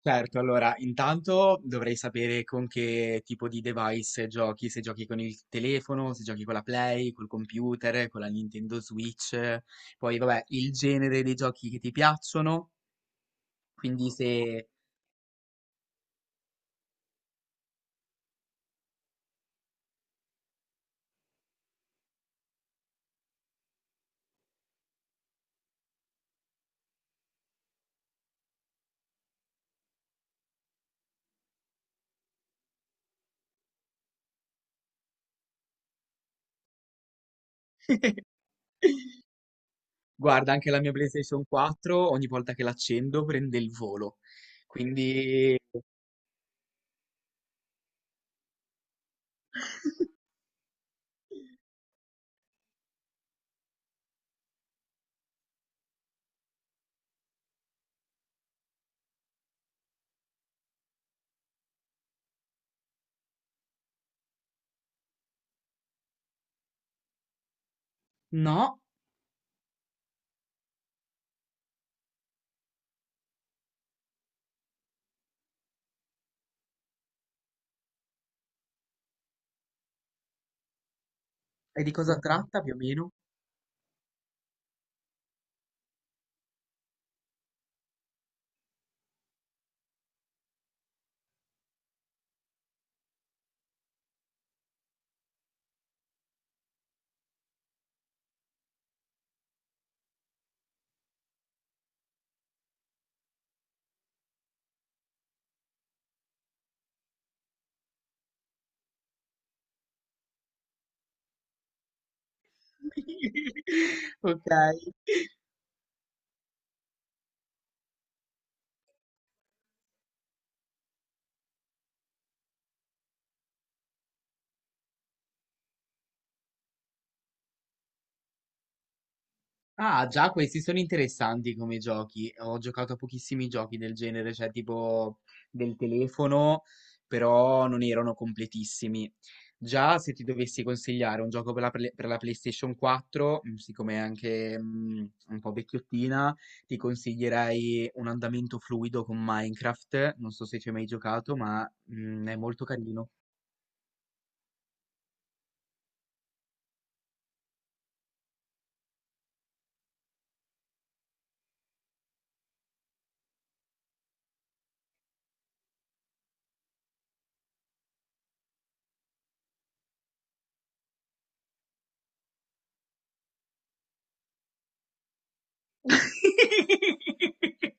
Certo, allora, intanto dovrei sapere con che tipo di device giochi, se giochi con il telefono, se giochi con la Play, col computer, con la Nintendo Switch, poi vabbè, il genere dei giochi che ti piacciono, quindi se guarda anche la mia PlayStation 4, ogni volta che l'accendo prende il volo, quindi no, e di cosa tratta più o meno? Ok. Ah, già, questi sono interessanti come giochi. Ho giocato a pochissimi giochi del genere, cioè tipo del telefono, però non erano completissimi. Già, se ti dovessi consigliare un gioco per la, Play- per la PlayStation 4, siccome è anche un po' vecchiottina, ti consiglierei un andamento fluido con Minecraft. Non so se ci hai mai giocato, ma è molto carino.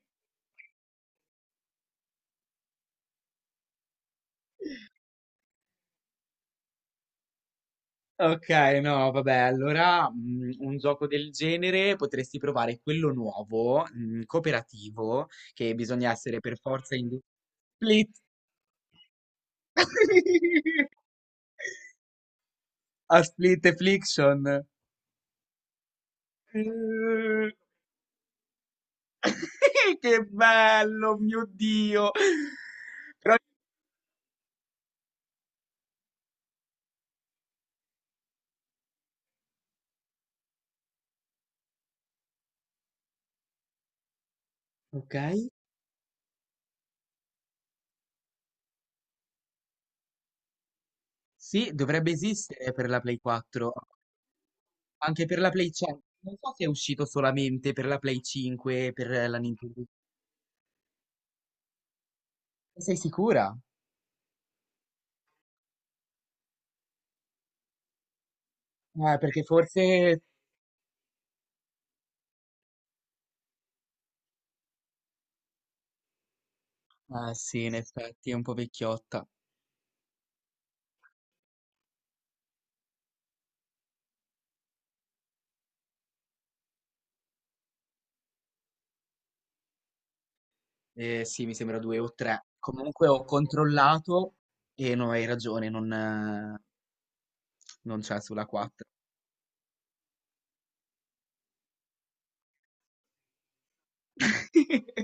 Ok, no, vabbè, allora un gioco del genere potresti provare quello nuovo, cooperativo, che bisogna essere per forza in due. Split! A Split Affliction. Eh, Che bello, mio Dio! Però- Ok, sì, dovrebbe esistere per la Play 4, anche per la Play 5. Non so se è uscito solamente per la Play 5 e per la Nintendo. Sei sicura? Perché forse ah sì, in effetti è un po' vecchiotta. Sì, mi sembra due o tre. Comunque ho controllato e no, hai ragione, non c'è sulla 4.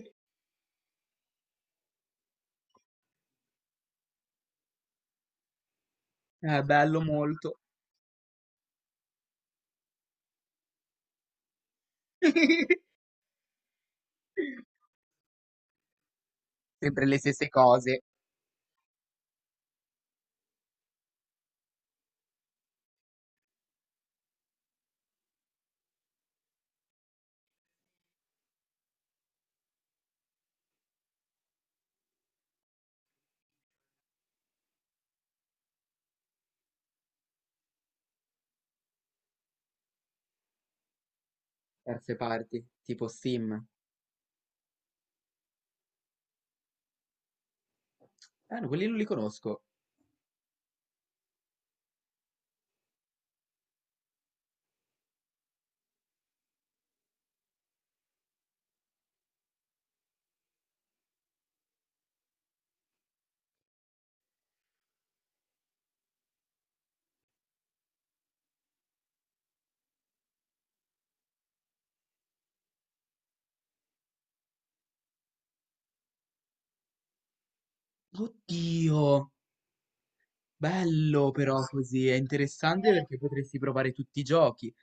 È bello molto. Sempre le stesse cose, terze parti, tipo Sim. Ah, no, quelli non li conosco. Oddio, bello però così, è interessante perché potresti provare tutti i giochi.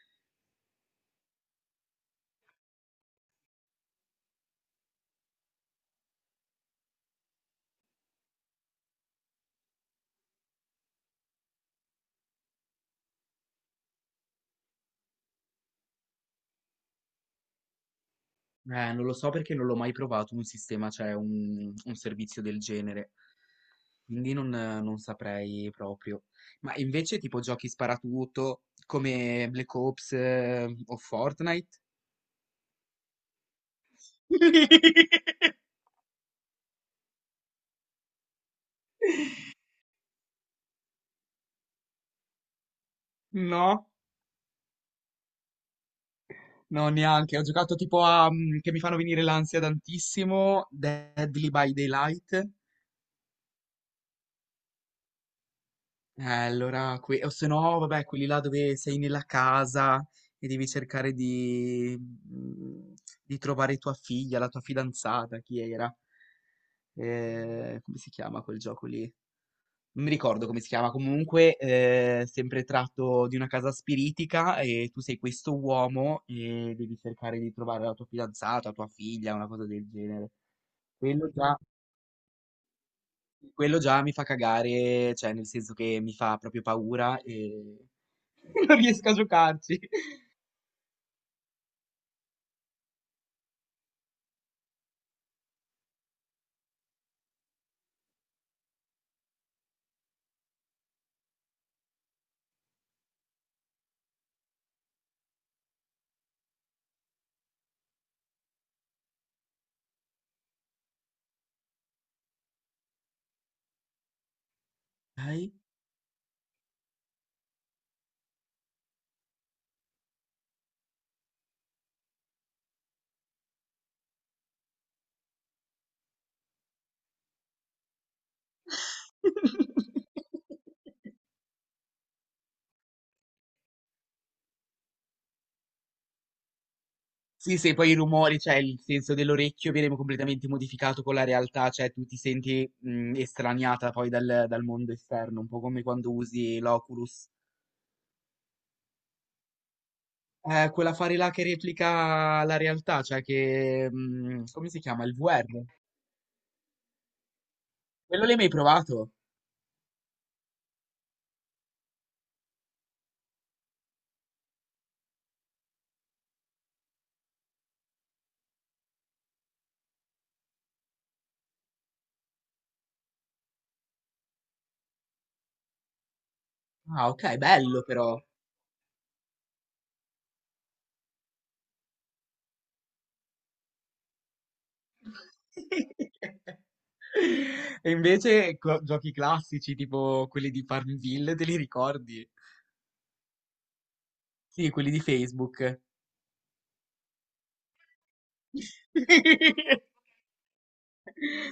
Non lo so perché non l'ho mai provato un sistema, cioè un servizio del genere. Quindi non saprei proprio. Ma invece tipo giochi sparatutto come Black Ops o Fortnite? No, no, neanche. Ho giocato tipo a che mi fanno venire l'ansia tantissimo, Deadly by Daylight. Allora, que- o se no, vabbè, quelli là dove sei nella casa e devi cercare di, di trovare tua figlia, la tua fidanzata, chi era? Come si chiama quel gioco lì? Non mi ricordo come si chiama, comunque sempre tratto di una casa spiritica e tu sei questo uomo e devi cercare di trovare la tua fidanzata, tua figlia, una cosa del genere. Quello già, quello già mi fa cagare, cioè nel senso che mi fa proprio paura e non riesco a giocarci. Dai. Sì, sì, poi i rumori, cioè il senso dell'orecchio viene completamente modificato con la realtà, cioè tu ti senti estraniata poi dal mondo esterno, un po' come quando usi l'Oculus. Quell'affare là che replica la realtà, cioè che... come si chiama? Il VR. Quello l'hai mai provato? Ah, ok, bello però. E invece co- giochi classici tipo quelli di Farmville, te li ricordi? Sì, quelli di Facebook.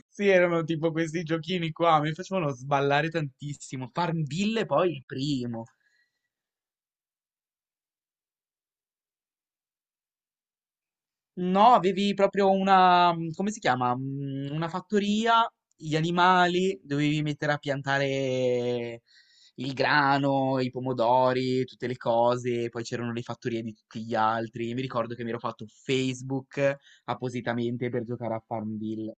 Sì, erano tipo questi giochini qua, mi facevano sballare tantissimo. Farmville poi il primo. No, avevi proprio una, come si chiama? Una fattoria, gli animali, dovevi mettere a piantare il grano, i pomodori, tutte le cose, poi c'erano le fattorie di tutti gli altri. Mi ricordo che mi ero fatto Facebook appositamente per giocare a Farmville.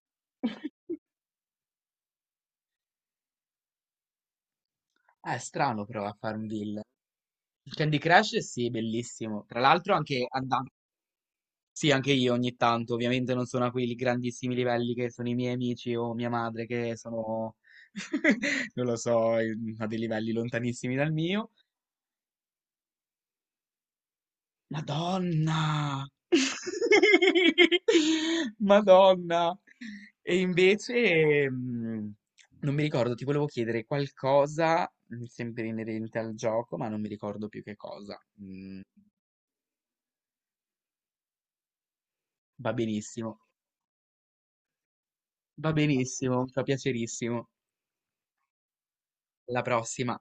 È strano però a Farmville. Candy Crush sì, bellissimo. Tra l'altro anche andando sì, anche io ogni tanto, ovviamente non sono a quei grandissimi livelli che sono i miei amici o mia madre che sono, non lo so, in- a dei livelli lontanissimi dal mio. Madonna! Madonna! E invece, non mi ricordo, ti volevo chiedere qualcosa, sempre inerente al gioco, ma non mi ricordo più che cosa. Mm, va benissimo, va benissimo, fa piacerissimo. Alla prossima.